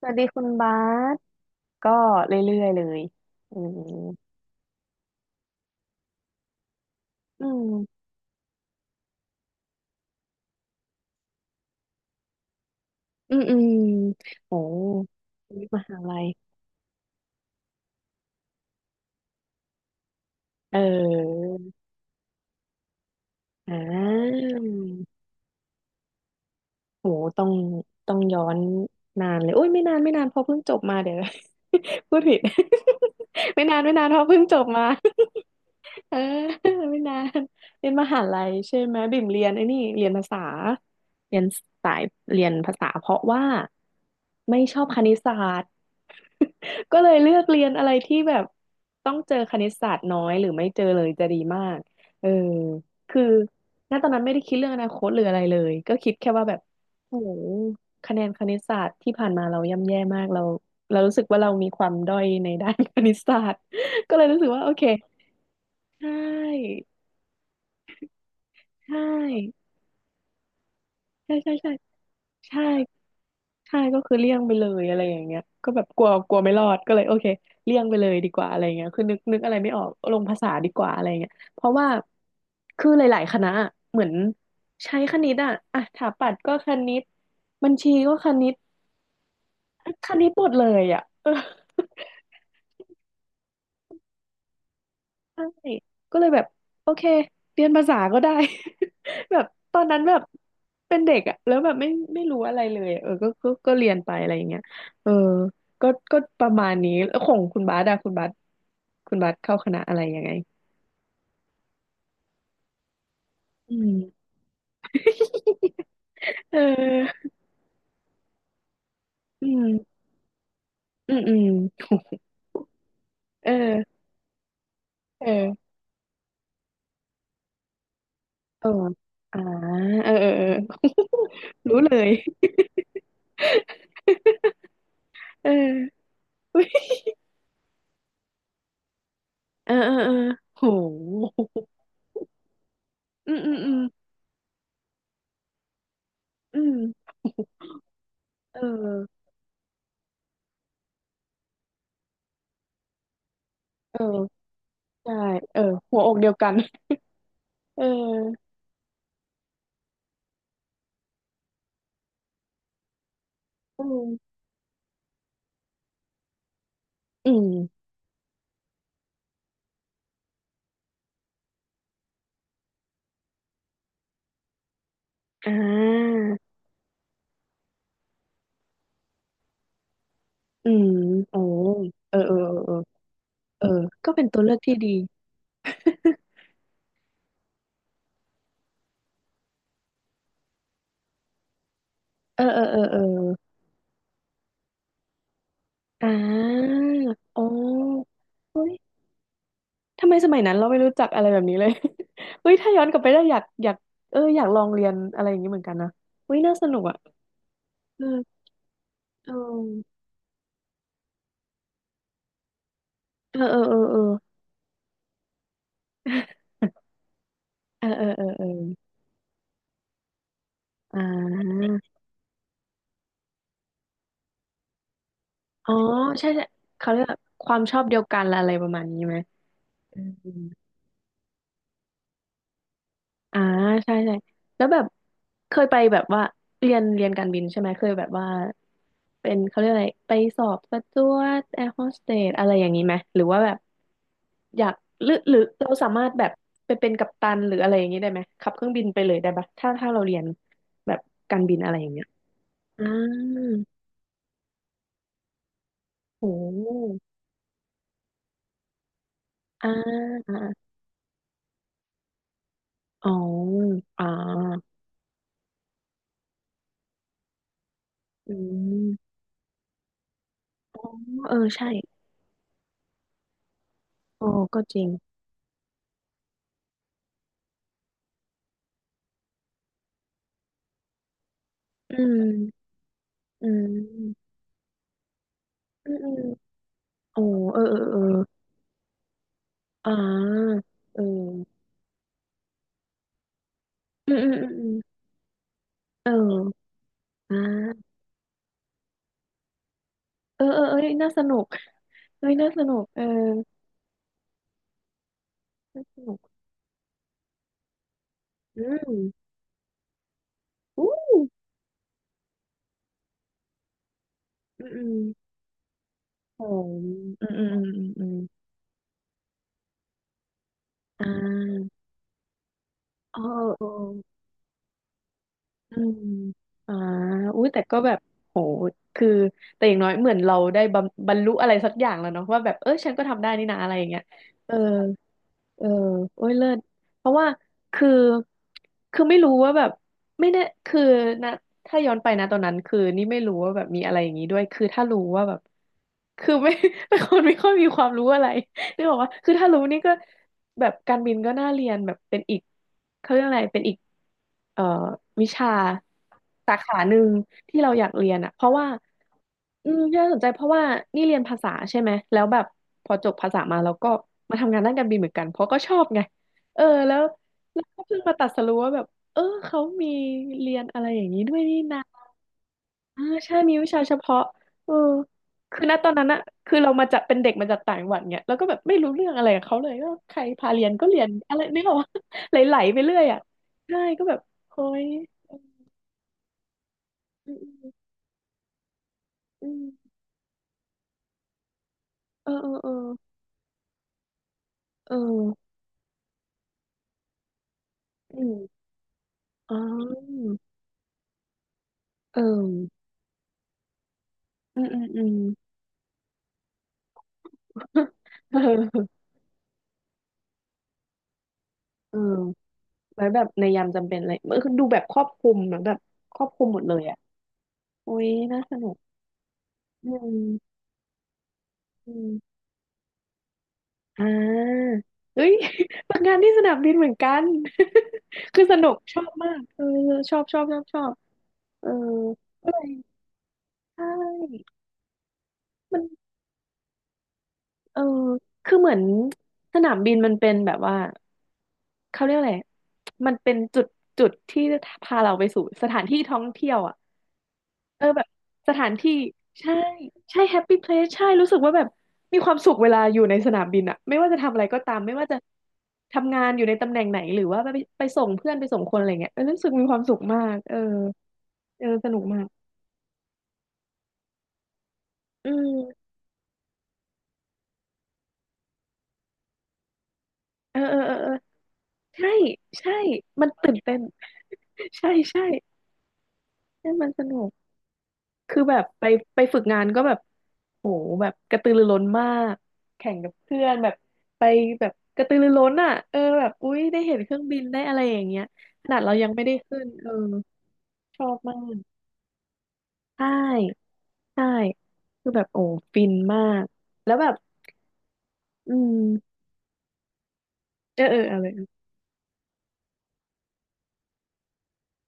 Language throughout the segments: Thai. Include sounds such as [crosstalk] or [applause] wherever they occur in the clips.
สวัสดีคุณบาสก็เรื่อยๆเลยอืมอืมอืมอืมโหมหาลัยเอออ่า โหต้องย้อนนานเลยโอ้ย ไม่นานไม่นานเพอเพิ่งจบมาเดี๋ยว [laughs] พูดผิด [laughs] ไม่นานไม่นานเพอเพิ่งจบมา [laughs] เออไม่นานเรียนมหาลัยใช่ไหมบิ่มเรียนไอ้นี่เรียนภาษาเรียนสายเรียนภาษาเพราะว่าไม่ชอบคณิตศาสตร์ [laughs] ก็เลยเลือกเรียนอะไรที่แบบต้องเจอคณิตศาสตร์น้อยหรือไม่เจอเลยจะดีมากเออคือณตอนนั้นไม่ได้คิดเรื่องอนาคตหรืออะไรเลยก็คิดแค่ว่าแบบ โอ้โหคะแนนคณิตศาสตร์ที่ผ่านมาเราย่ำแย่มากเรารู้สึกว่าเรามีความด้อยในด้าน [laughs] คณิตศาสตร์ก็เลยรู้สึกว่าโอเคใช่ใช่ใช่ใช่ใช่ใช่ใช่ก็คือเลี่ยงไปเลยอะไรอย่างเงี้ยก็แบบกลัวกลัวไม่รอดก็เลยโอเคเลี่ยงไปเลยดีกว่าอะไรเงี้ยคือนึกอะไรไม่ออกลงภาษาดีกว่าอะไรเงี้ยเพราะว่าคือหลายๆคณะอะเหมือนใช้คณิตอ่ะสถาปัตย์ก็คณิตบัญชีก็คณิตคณิตหมดเลยอ่ะเออ ใช่ก็เลยแบบโอเคเรียนภาษาก็ได้ [laughs] แบบตอนนั้นแบบเป็นเด็กอะแล้วแบบไม่รู้อะไรเลยอะเออก็เรียนไปอะไรอย่างเงี้ยเออก็ประมาณนี้แล้วของคุณบาสอะคุณบาสคุณบาสเข้าคณะอะไรยังไงอืมเอออืมอืมอืม [laughs] เออเออเอออ่าเออเออเออ [laughs] รู้เลย [laughs] เออ [laughs] อุ๊ยเออเออเออโห [laughs] อืมอืมอืมอืมเออ เออใช่เออหัวอกเดียวกัน [laughs] เอออืมอืมอ่าอืมโอ้เออเออเออเออเออก็เป็นตัวเลือกที่ดีเออเออเออเอออ่าอ๋อเฮ้ยทำไมสมัยนั้นเราไม่รู้จักอะไรแบบนี้เลย [laughs] เฮ้ยถ้าย้อนกลับไปได้อยากเอออยากลองเรียนอะไรอย่างนี้เหมือนกันนะเฮ้ยน่าสนุกอ่ะเออเออเออเออเออ [laughs] เออเออเออเออเอออ่า อ๋อใช่ใช่เขาเรียกว่าความชอบเดียวกันอะไรประมาณนี้ไหมอืมอ่าใช่ใช่แล้วแบบเคยไปแบบว่าเรียนการบินใช่ไหมเคยแบบว่าเป็นเขาเรียกอะไรไปสอบสจ๊วตแอร์โฮสเตสอะไรอย่างนี้ไหมหรือว่าแบบอยากหรือเราสามารถแบบไปเป็นกัปตันหรืออะไรอย่างนี้ได้ไหมขับเครื่องบินไปเลยได้ปะถ้าเราเรียนแบบการบินอะไรอย่างเงี้ยอ่าโหอ่าอ๋ออ๋ออืม อ๋อเออใช่โอ้ก็จริงอืมอืมอืมอืมโอ้เออเออเอออ่าเอออืมอืมอืมอืมเอออ่าเออเออเอ้ยน่าสนุกเอ้ยน่าสนุกเออน่าสนุกอืมอู้อืมอืมโอ้อืมอืมอืมอืมอืมอ่าอ๋อเออเอออืมอ่าอุ้ยแต่ก็แบบ โห คือ แต่อย่างน้อยเหมือนเราได้บำบรรลุอะไรสักอย่างแล้วเนาะว่าแบบเออฉันก็ทำได้นี่นะ อะไรอย่างเงี้ยเออ เออโอ้ยเลิศเพราะว่าคือคือไม่รู้ว่าแบบไม่แน่คือนะถ้าย้อนไปนะตอนนั้นคือนี่ไม่รู้ว่าแบบมีอะไรอย่างนี้ด้วยคือถ้ารู้ว่าแบบคือไม่ [laughs] เป็นคนไม่ค่อยมีความรู้อะไรนึกออกว่าคือถ้ารู้นี่ก็แบบการบินก็น่าเรียนแบบเป็นอีกเขาเรียกอะไรเป็นอีก เอ่อวิชาสาขาหนึ่งที่เราอยากเรียนอ่ะเพราะว่าอืมที่น่าสนใจเพราะว่านี่เรียนภาษาใช่ไหมแล้วแบบพอจบภาษามาแล้วก็มาทำงานด้านการบินเหมือนกันเพราะก็ชอบไงเออแล้วแล้วก็เพิ่งมาตัดสรู้ว่าแบบเออเขามีเรียนอะไรอย่างนี้ด้วยนี่นะอ่าใช่มีวิชาเฉพาะเออคือณตอนนั้นอะคือเรามาจากเป็นเด็กมาจากต่างจังหวัดเนี่ยแล้วก็แบบไม่รู้เรื่องอะไรกับเขาเลยก็ใครพาเรียนก็เรียนอะไรนึกออกปะ [laughs] ไหลๆไปเรื่อยอะใช่ก็แบบโอ้ย อืมอืมเออเออเออเอออืมอ๋อเอออืมอืมอืมเออเออไว้แบบในยามจำเป็นอะไรเออคือดูแบบครอบคลุมเหมือแบบครอบคลุมหมดเลยอ่ะโอ้ยน่าสนุกอืมอืมอ่าเฮ้ย [laughs] ทำงานที่สนามบินเหมือนกัน [laughs] คือสนุกชอบมากเออชอบชอบชอบชอบเออก็เลยใช่มันเออคือเหมือนสนามบินมันเป็นแบบว่า เขาเรียกอะไร มันเป็นจุดที่พาเราไปสู่สถานที่ท่องเที่ยวอ่ะเออแบบสถานที่ใช่ใช่แฮปปี้เพลสใช่รู้สึกว่าแบบมีความสุขเวลาอยู่ในสนามบินอ่ะไม่ว่าจะทำอะไรก็ตามไม่ว่าจะทำงานอยู่ในตำแหน่งไหนหรือว่าไปส่งเพื่อนไปส่งคนอะไรเงี้ยเออรู้สึกมีความสุขมากเออเออสนุกมากอืมเออเออเออเออใช่ใช่มันตื่นเต้น [laughs] ใช่ใช่ใช่มันสนุก คือแบบไปฝึกงานก็แบบโหแบบกระตือรือร้นมากแข่งกับเพื่อนแบบไปแบบกระตือรือร้นอ่ะเออแบบอุ๊ยได้เห็นเครื่องบินได้อะไรอย่างเงี้ยขนาดเรายังไม่ได้ขึ้นเออชอบมากใช่ใช่คือแบบโอ้ฟินมากแล้วแบบอืมเออเออเอะไร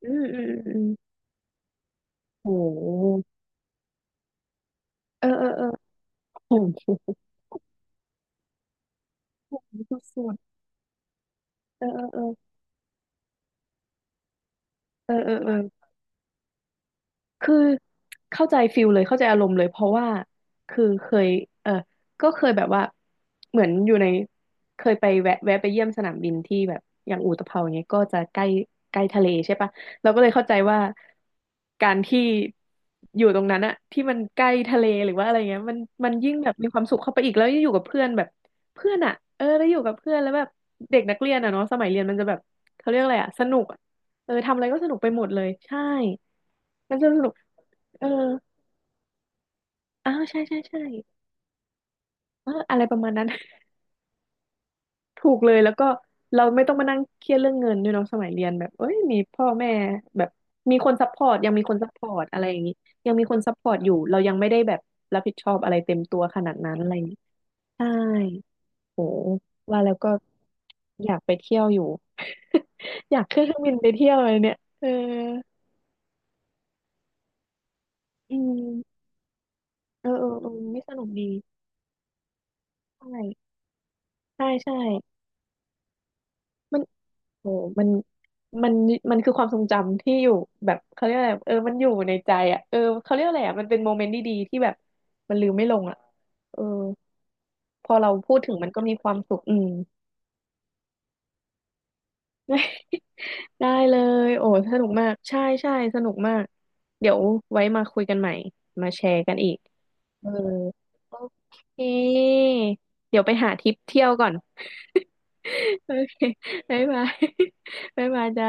อืมอืมอืมอืมโหเออเออเออโห [laughs] สุดๆเออเออเออเออเออเออ คือเข้าใจฟิลเลยเข้าใจอารมณ์เลยเพราะว่าคือเคยเออก็เคยแบบว่าเหมือนอยู่ในเคยไปแวะไปเยี่ยมสนามบินที่แบบอย่างอู่ตะเภาอย่างเงี้ยก็จะใกล้ใกล้ทะเลใช่ปะเราก็เลยเข้าใจว่าการที่อยู่ตรงนั้นอะที่มันใกล้ทะเลหรือว่าอะไรเงี้ยมันยิ่งแบบมีความสุขเข้าไปอีกแล้วยิ่งอยู่กับเพื่อนแบบเพื่อนอะเออแล้วอยู่กับเพื่อนแล้วแบบเด็กนักเรียนอะเนาะสมัยเรียนมันจะแบบเขาเรียกอะไรอะสนุกอะเออทำอะไรก็สนุกไปหมดเลยใช่มันจะสนุก เอออ้าวใช่ใช่ใช่เอออะไรประมาณนั้น [laughs] ถูกเลยแล้วก็เราไม่ต้องมานั่งเครียดเรื่องเงินด้วยเนาะสมัยเรียนแบบเอ้ยมีพ่อแม่แบบมีคนซัพพอร์ตยังมีคนซัพพอร์ตอะไรอย่างนี้ยังมีคนซัพพอร์ตอยู่เรายังไม่ได้แบบรับผิดชอบอะไรเต็มตัวขนาดนั้นอะไรอย่างนี้ใช่โหว่าแล้วก็อยากไปเที่ยวอยู่ [laughs] อยากขึ้นเครื่องบินไปเที่ยวอะไรเนี่ยเอออืมเออเออเออไม่สนุกดีใช่ใช่ใช่มัน โอ้มันมันมันคือความทรงจำที่อยู่แบบเขาเรียกอะไรเออมันอยู่ในใจอ่ะเออเขาเรียกอะไรอ่ะมันเป็นโมเมนต์ดีๆที่แบบมันลืมไม่ลงอ่ะเออพอเราพูดถึงมันก็มีความสุขอืม [laughs] ได้เลยโอ้สนุกมากใช่ใช่สนุกมากเดี๋ยวไว้มาคุยกันใหม่มาแชร์กันอีกเออโอเคเดี๋ยวไปหาทริปเที่ยวก่อน [laughs] โอเคบ๊ายบาย [laughs] บ๊ายบายจ้า